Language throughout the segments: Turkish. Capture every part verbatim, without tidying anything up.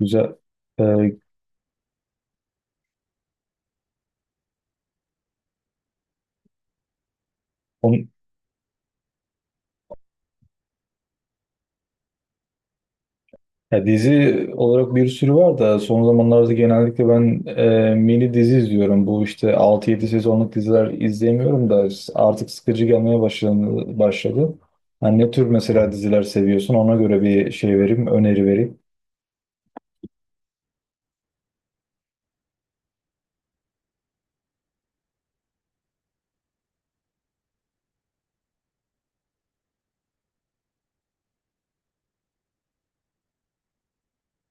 Güzel. Ee, on, Ya dizi olarak bir sürü var da son zamanlarda genellikle ben e, mini dizi izliyorum. Bu işte altı yedi sezonluk diziler izleyemiyorum da artık sıkıcı gelmeye başladı. başladı. Hani ne tür mesela diziler seviyorsun, ona göre bir şey vereyim, öneri vereyim.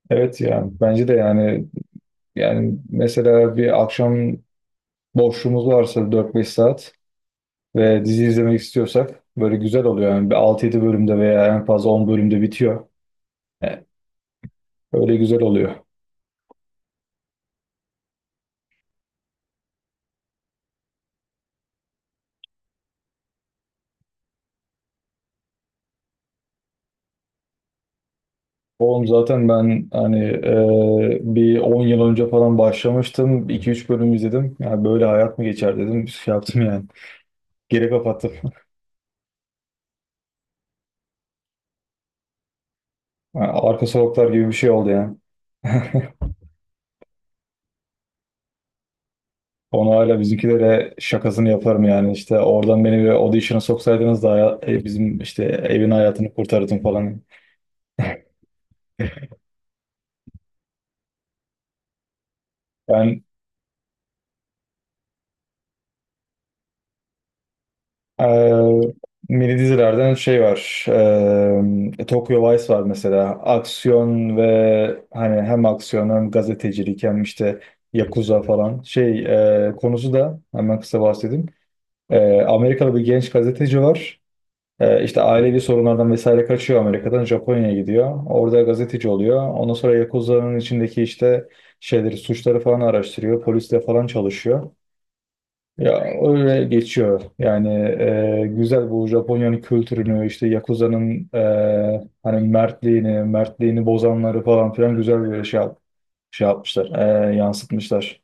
Evet, yani bence de, yani yani mesela bir akşam boşluğumuz varsa dört beş saat ve dizi izlemek istiyorsak böyle güzel oluyor, yani bir altı yedi bölümde veya en fazla on bölümde bitiyor. Yani öyle güzel oluyor. Oğlum, zaten ben hani e, bir on yıl önce falan başlamıştım. İki üç bölüm izledim. Yani böyle hayat mı geçer dedim. Şey yaptım yani. Geri kapattım. Yani arka sokaklar gibi bir şey oldu yani. Onu hala bizimkilere şakasını yaparım yani. İşte oradan beni bir audition'a soksaydınız da haya- e, bizim işte evin hayatını kurtarırdım falan. Ben Ee, Mini dizilerden şey var. Ee, Tokyo Vice var mesela. Aksiyon, ve hani hem aksiyon, hem gazetecilik, hem işte Yakuza falan. Şey, e, konusu da hemen kısa bahsedeyim. Ee, Amerikalı bir genç gazeteci var. Ee, işte ailevi sorunlardan vesaire kaçıyor, Amerika'dan Japonya'ya gidiyor. Orada gazeteci oluyor. Ondan sonra Yakuza'nın içindeki işte şeyleri, suçları falan araştırıyor. Polisle falan çalışıyor. Ya öyle geçiyor. Yani e, güzel, bu Japonya'nın kültürünü, işte Yakuza'nın e, hani mertliğini, mertliğini bozanları falan filan güzel bir şey, yap- şey yapmışlar, e, yansıtmışlar.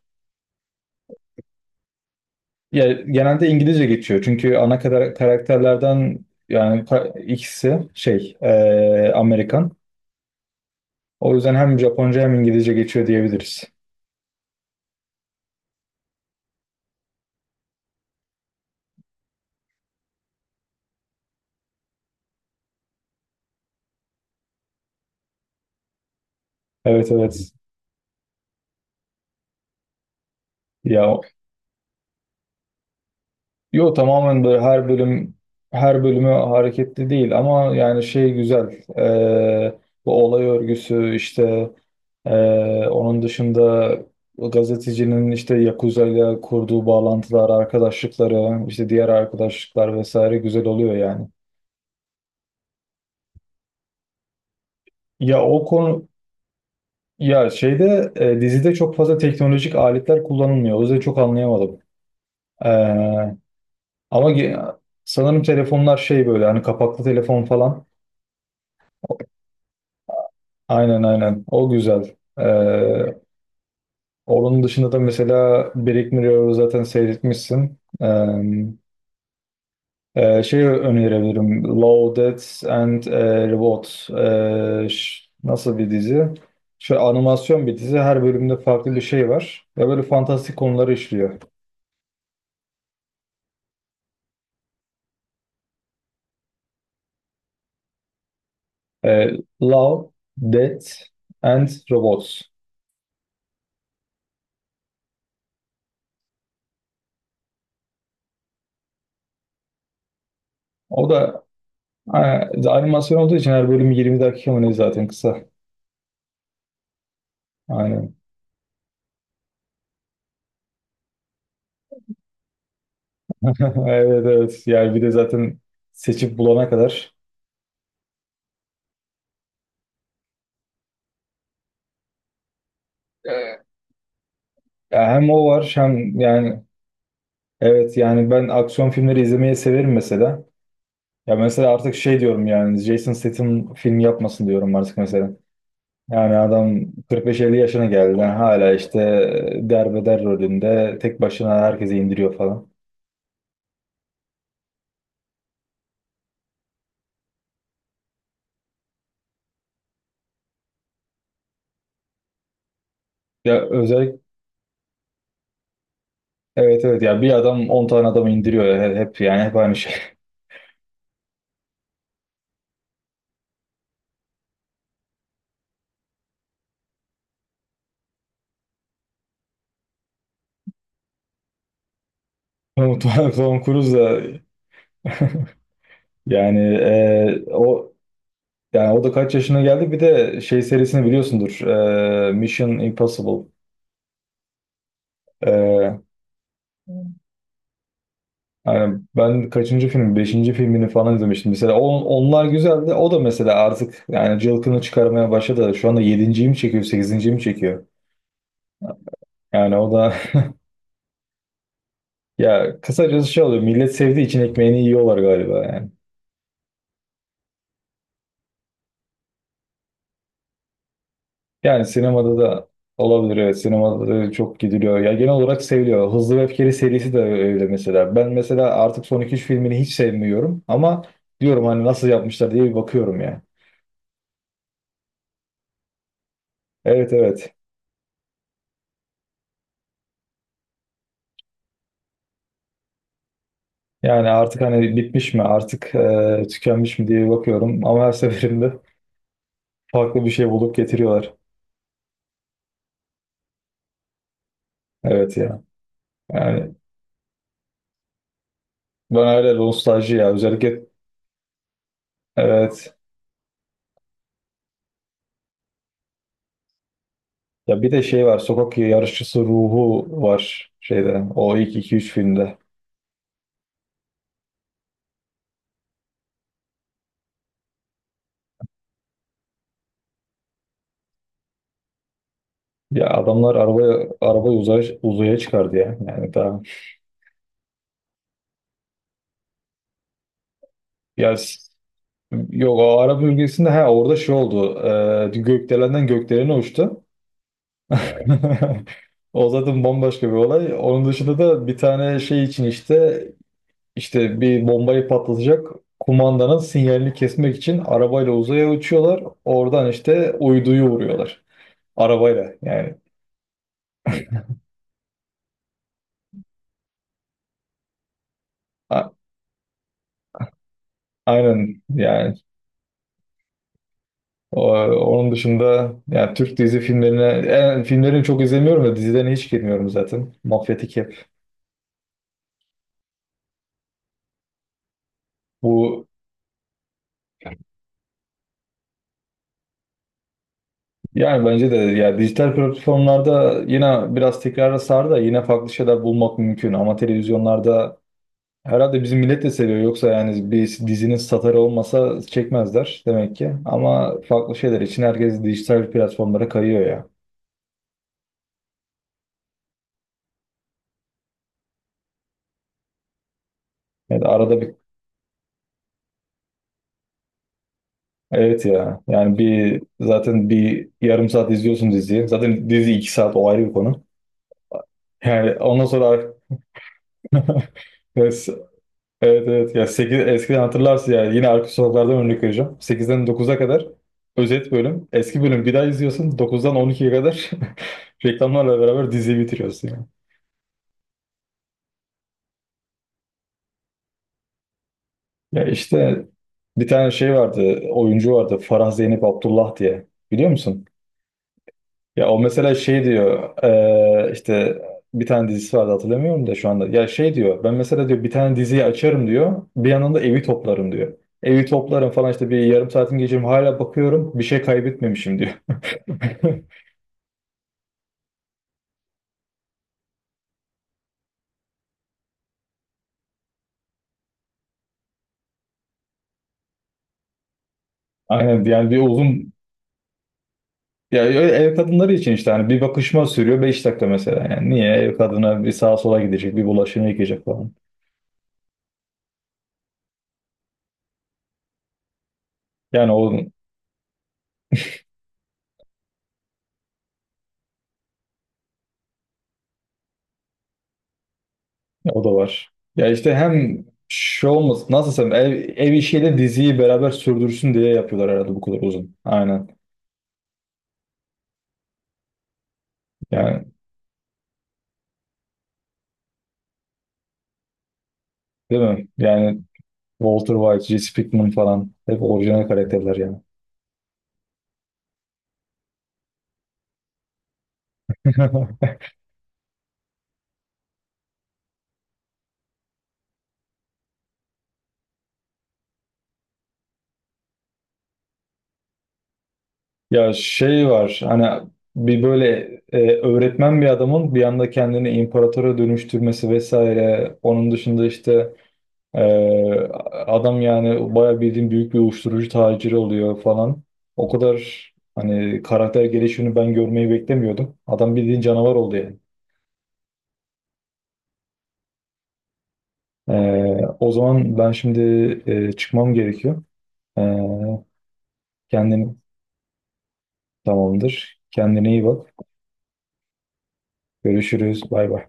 Ya genelde İngilizce geçiyor, çünkü ana kadar karakterlerden yani ka- ikisi şey, e, Amerikan. O yüzden hem Japonca hem İngilizce geçiyor diyebiliriz. Evet, evet. Ya, yo, tamamen böyle her bölüm her bölümü hareketli değil, ama yani şey güzel. Ee, bu olay örgüsü işte, ee, onun dışında o gazetecinin işte Yakuza ile kurduğu bağlantılar, arkadaşlıkları, işte diğer arkadaşlıklar vesaire güzel oluyor yani. Ya o konu Ya, şeyde, e, dizide çok fazla teknolojik aletler kullanılmıyor. O yüzden çok anlayamadım. Ee, Ama ge- sanırım telefonlar şey, böyle hani kapaklı telefon falan. Aynen aynen. O güzel. Ee, onun dışında da mesela Brick Mirror'ı zaten seyretmişsin. Ee, e, şey önerebilirim. Law, Death and e, Reward. Ee, ş- nasıl bir dizi? Şöyle animasyon bir dizi. Her bölümde farklı bir şey var. Ve böyle fantastik konuları işliyor. Ee, Law, Death and Robots. O da e, animasyon olduğu için her bölüm yirmi dakika mı ne, zaten kısa. Aynen. Evet, evet. Yani bir de zaten seçip bulana kadar. Ee, Ya hem o var, hem yani evet, yani ben aksiyon filmleri izlemeyi severim mesela. Ya mesela artık şey diyorum, yani Jason Statham film yapmasın diyorum artık mesela. Yani adam kırk beş elli yaşına geldi. Yani hala işte derbeder rolünde tek başına herkese indiriyor falan. Ya özellikle evet, evet, ya bir adam on tane adamı indiriyor ya. hep, hep yani hep aynı şey. Tom Tom Tom Cruise da yani e, o yani o da kaç yaşına geldi. Bir de şey serisini biliyorsundur. Ee, Mission Impossible. Ee, Yani ben kaçıncı film? Beşinci filmini falan izlemiştim. Mesela on, onlar güzeldi. O da mesela artık yani cılkını çıkarmaya başladı. Şu anda yedinciyi mi çekiyor, sekizinciyi mi çekiyor? Yani o da ya kısacası şey oluyor. Millet sevdiği için ekmeğini yiyorlar galiba yani. Yani sinemada da olabilir, evet. Sinemada da çok gidiliyor. Ya genel olarak seviliyor. Hızlı ve Öfkeli serisi de öyle mesela. Ben mesela artık son iki üç filmini hiç sevmiyorum, ama diyorum hani nasıl yapmışlar diye bir bakıyorum ya. Evet, evet. Yani artık hani bitmiş mi, artık e, tükenmiş mi diye bakıyorum, ama her seferinde farklı bir şey bulup getiriyorlar. Evet ya. Yani ben öyle nostalji, ya özellikle evet. Ya, bir de şey var, sokak yarışçısı ruhu var şeyde, o ilk iki üç filmde. Ya adamlar arabaya arabayı uzaya, uzaya çıkardı ya. Yani daha ya s- yok, o Arap ülkesinde, ha orada şey oldu. E, gökdelenden gökdelene uçtu. O zaten bambaşka bir olay. Onun dışında da bir tane şey için işte, işte bir bombayı patlatacak kumandanın sinyalini kesmek için arabayla uzaya uçuyorlar. Oradan işte uyduyu vuruyorlar. Arabayla yani. A- aynen yani. O- Onun dışında yani Türk dizi filmlerine, yani filmlerini çok izlemiyorum da, dizilerine hiç girmiyorum zaten. Mafyatik hep. Bu, yani bence de yani dijital platformlarda yine biraz tekrara sardı da yine farklı şeyler bulmak mümkün, ama televizyonlarda herhalde bizim millet de seviyor, yoksa yani bir dizinin satarı olmasa çekmezler demek ki. Ama farklı şeyler için herkes dijital platformlara kayıyor ya. Yani arada bir, evet ya. Yani bir, zaten bir yarım saat izliyorsun diziyi. Zaten dizi iki saat, o ayrı bir konu. Yani ondan sonra ar- evet, evet, ya sekiz eskiden hatırlarsın yani, yine arka sokaklardan örnek vereceğim. Sekizden dokuza kadar özet bölüm. Eski bölüm bir daha izliyorsun. Dokuzdan on ikiye kadar reklamlarla beraber diziyi bitiriyorsun yani. Ya işte bir tane şey vardı, oyuncu vardı, Farah Zeynep Abdullah diye. Biliyor musun? Ya o mesela şey diyor, eee, işte bir tane dizisi vardı hatırlamıyorum da şu anda. Ya şey diyor, ben mesela diyor bir tane diziyi açarım diyor. Bir yandan da evi toplarım diyor. Evi toplarım falan, işte bir yarım saatim geçirim, hala bakıyorum bir şey kaybetmemişim diyor. Aynen, yani bir uzun, ya öyle ev kadınları için işte, hani bir bakışma sürüyor beş dakika mesela, yani niye, ev kadına bir sağa sola gidecek, bir bulaşığını yıkayacak falan. Yani o O da var. Ya işte hem şey olmasın, nasıl desem, ev, ev işiyle diziyi beraber sürdürsün diye yapıyorlar herhalde bu kadar uzun. Aynen. Yani değil mi? Yani Walter White, Jesse Pinkman falan, hep orijinal karakterler yani. Ya şey var hani, bir böyle e, öğretmen bir adamın bir anda kendini imparatora dönüştürmesi vesaire. Onun dışında işte Ee, adam yani bayağı bildiğim büyük bir uyuşturucu taciri oluyor falan. O kadar hani karakter gelişimini ben görmeyi beklemiyordum. Adam bildiğin canavar oldu yani. Ee, o zaman ben şimdi e, çıkmam gerekiyor. Ee, kendin tamamdır. Kendine iyi bak. Görüşürüz. Bay bay.